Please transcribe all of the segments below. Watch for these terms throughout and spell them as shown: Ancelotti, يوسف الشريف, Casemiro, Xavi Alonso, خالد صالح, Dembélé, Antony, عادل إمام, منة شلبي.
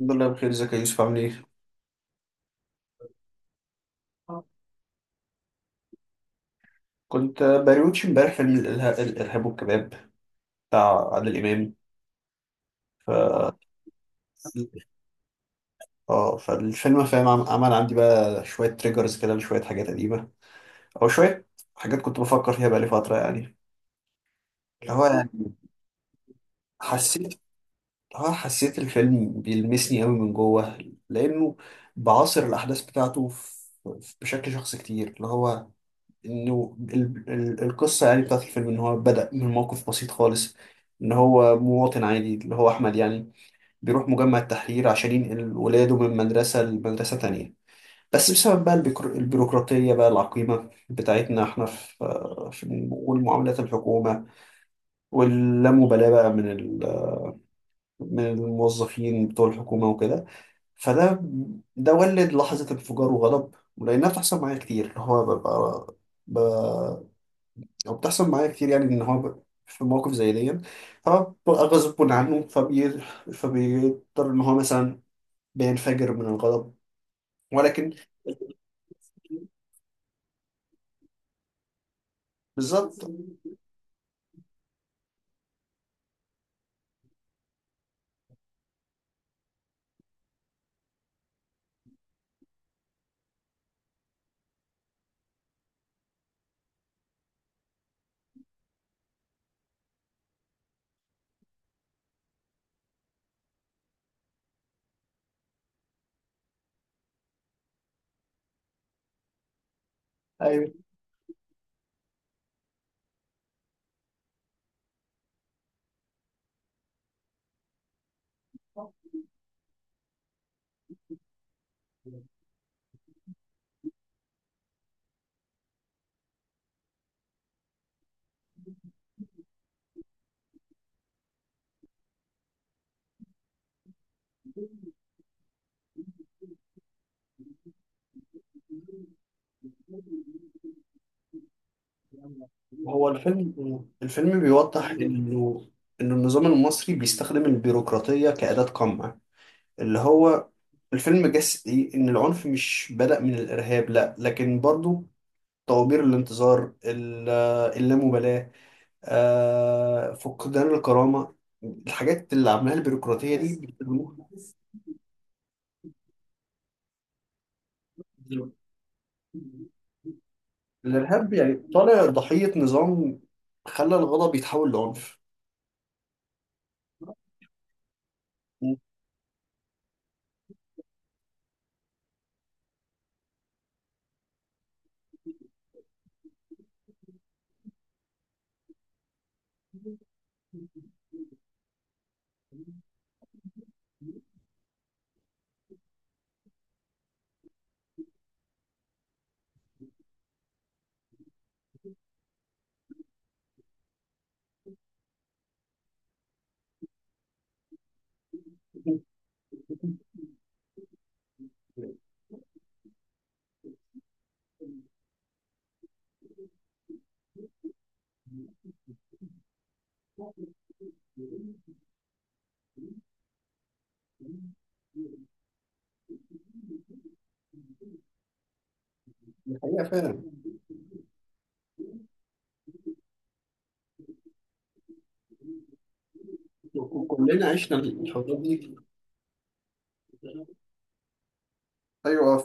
الحمد لله بخير، ازيك يا يوسف؟ عامل ايه؟ كنت بريوتش امبارح فيلم الإرهاب والكباب بتاع عادل إمام. ف اه فالفيلم، فاهم، عمل عندي بقى شوية تريجرز كده لشوية حاجات قديمة، أو شوية حاجات كنت بفكر فيها بقالي فترة، يعني اللي هو يعني حسيت، اللي هو حسيت الفيلم بيلمسني قوي من جوه، لأنه بعاصر الأحداث بتاعته بشكل شخصي كتير. اللي هو انه القصه يعني بتاعت الفيلم ان هو بدأ من موقف بسيط خالص، ان هو مواطن عادي اللي هو احمد يعني بيروح مجمع التحرير عشان ينقل ولاده من مدرسه لمدرسه تانية. بس بسبب بقى البيروقراطيه بقى العقيمه بتاعتنا احنا في في والمعاملات الحكومه، واللامبالاه بقى من الموظفين بتوع الحكومه وكده. فده ده ولد لحظه انفجار وغضب، ولانها بتحصل معايا كتير، اللي هو ببقى، او بتحصل معايا كتير يعني ان هو في مواقف زي دي فببقى غصب عنه فبي... فبيضطر ان هو مثلا بينفجر من الغضب. ولكن بالظبط، ايوه. هو الفيلم، الفيلم بيوضح انه ان النظام المصري بيستخدم البيروقراطية كأداة قمع. اللي هو الفيلم جسدي ان العنف مش بدأ من الارهاب، لا، لكن برضو طوابير الانتظار، اللامبالاة، آه، فقدان الكرامة، الحاجات اللي عاملاها البيروقراطية دي الإرهاب يعني طالع ضحية نظام خلى الغضب يتحول لعنف. دي حقيقة فعلا، كلنا عشنا الحوارات دي. أيوة، آه.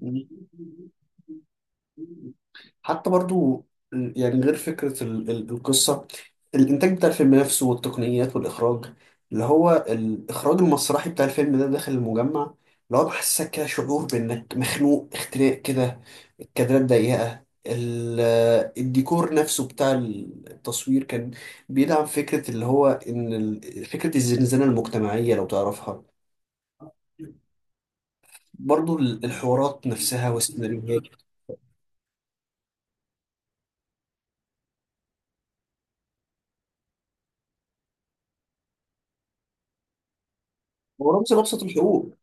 فاهم. حتى برضو يعني غير فكرة القصة، الإنتاج بتاع الفيلم نفسه والتقنيات والإخراج، اللي هو الإخراج المسرحي بتاع الفيلم ده داخل المجمع، اللي هو بحسسك كده شعور بإنك مخنوق اختناق كده. الكادرات ضيقة، الديكور نفسه بتاع التصوير كان بيدعم فكرة اللي هو إن فكرة الزنزانة المجتمعية لو تعرفها. برضو الحوارات نفسها والسيناريوهات. هو رمز لأبسط الحقوق.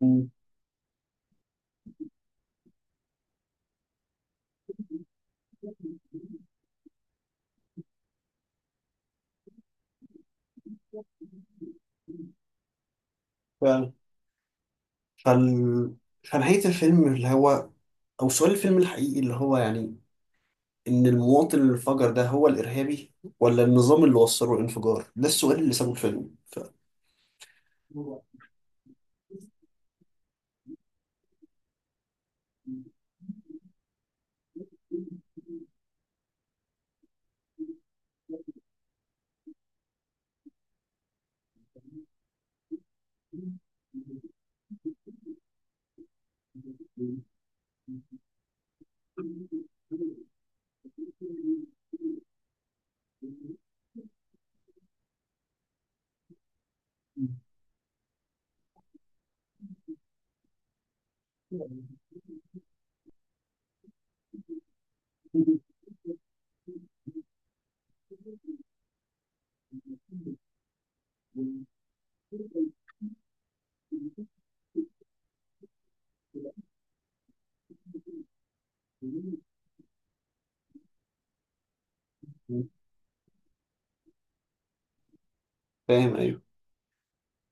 مم. فعلا. فال... فنهاية الفيلم، اللي هو أو سؤال الفيلم الحقيقي اللي هو يعني إن المواطن اللي انفجر ده هو الإرهابي، ولا النظام اللي وصله الانفجار؟ ده السؤال اللي سابه الفيلم. فاهم، أيوه.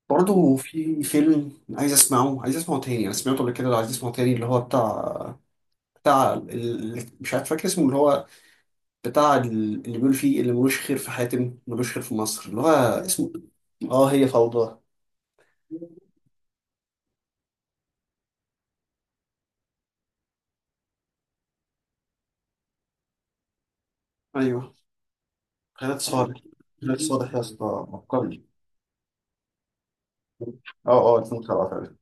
برضه في فيلم عايز أسمعه، عايز أسمعه تاني أنا سمعته قبل كده، عايز أسمعه تاني، اللي هو بتاع، بتاع ال... مش عارف فاكر اسمه، اللي هو اللي بيقول فيه اللي ملوش خير في حاتم ملوش خير في مصر، اللي هو اسمه إيه؟ اه، هي فوضى. ايوه. خالد صالح. خالد صالح يا اسطى، عبقري. اه اه، 2007 تقريبا.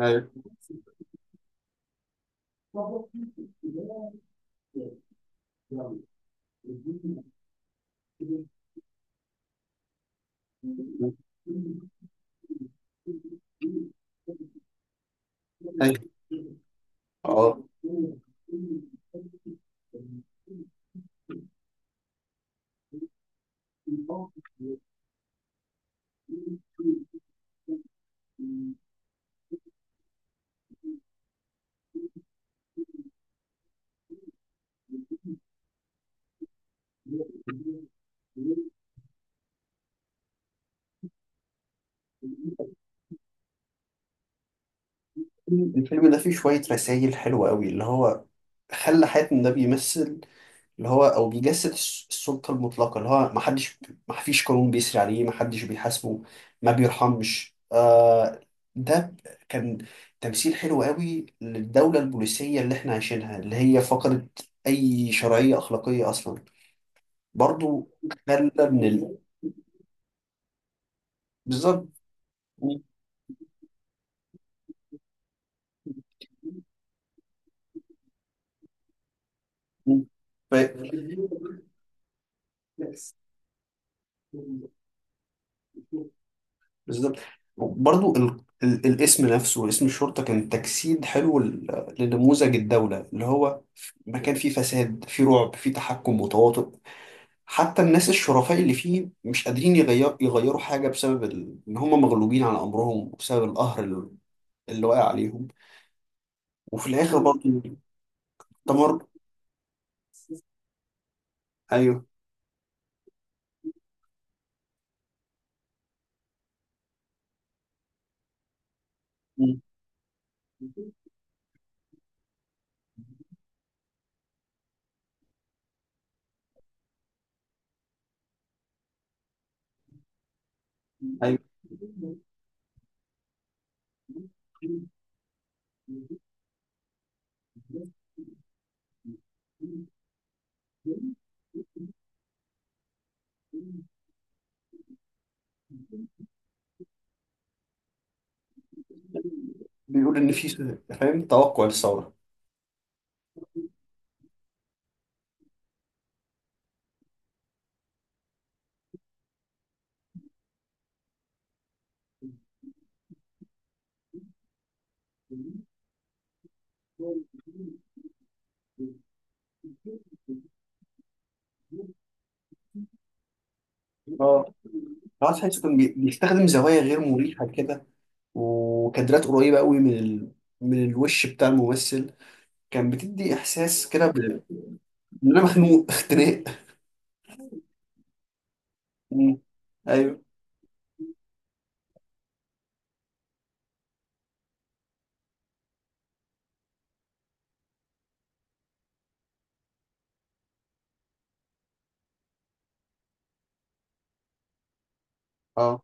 ايوه ايوه. اه، الفيلم ده فيه شوية رسائل حلوة قوي، اللي هو خلى حاتم ده بيمثل، اللي هو أو بيجسد السلطة المطلقة، اللي هو محدش، محفيش قانون بيسري عليه، محدش بيحاسبه، ما بيرحمش، آه. ده كان تمثيل حلو قوي للدولة البوليسية اللي احنا عايشينها، اللي هي فقدت أي شرعية أخلاقية أصلا. برضو خلى من بالظبط. ف- بالظبط. برضو الاسم نفسه، اسم الشرطة كان تجسيد حلو لنموذج الدولة اللي هو مكان فيه فساد، فيه رعب، فيه تحكم متواطئ. حتى الناس الشرفاء اللي فيه مش قادرين يغيروا حاجة بسبب إن هم مغلوبين على أمرهم، وبسبب القهر اللي واقع عليهم. وفي الآخر برضو تمر. أيوه. مم. أيوه، بيقول إن في، فاهم، توقع للثورة. اه. خلاص، تحسه كان بيستخدم زوايا غير مريحة كده، وكادرات قريبة قوي من من الوش بتاع الممثل، كان بتدي إحساس كده ب... إن أنا مخنوق اختناق. مم. أيوه. اه،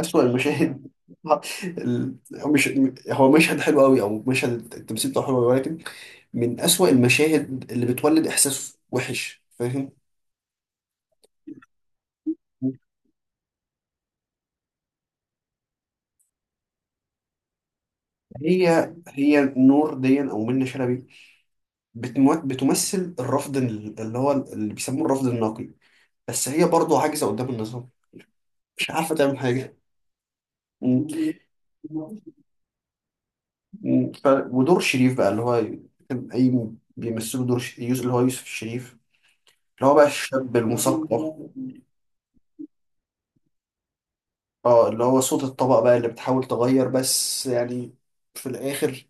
أسوأ المشاهد آه. هو مش، هو مشهد حلو قوي، أو مشهد التمثيل بتاعه حلو أوي، ولكن من أسوأ المشاهد اللي بتولد إحساس وحش، فاهم. هي هي نور دي، أو منة شلبي، بتمثل الرفض اللي بيسموه الرفض النقي. بس هي برضه عاجزة قدام النظام، مش عارفة تعمل حاجة. م- ودور شريف بقى، اللي هو كان أي، بيمثلوا دور يوسف، اللي هو يوسف الشريف، اللي هو بقى الشاب المثقف. اه، اللي هو صوت الطبقة بقى اللي بتحاول تغير، بس يعني في الآخر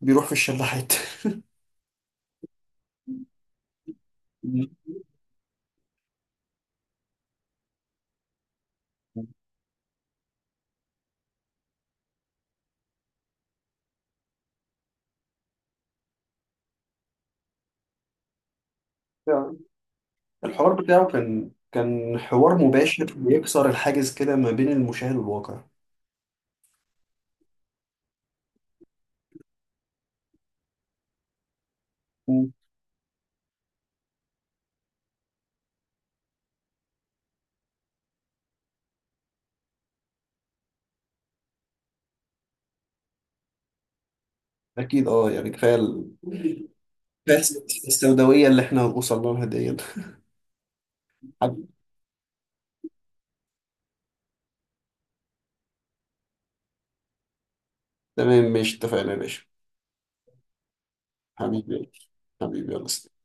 بيروح في الشلاحات مم. يعني الحوار بتاعه كان حوار مباشر بيكسر الحاجز كده ما بين المشاهد والواقع. اكيد، اه. يعني كفايه كفاية السوداويه اللي احنا هنوصل لها دي حبيبي، تمام ماشي، اتفقنا يا باشا. حبيبي، حبيبي، يلا سلام.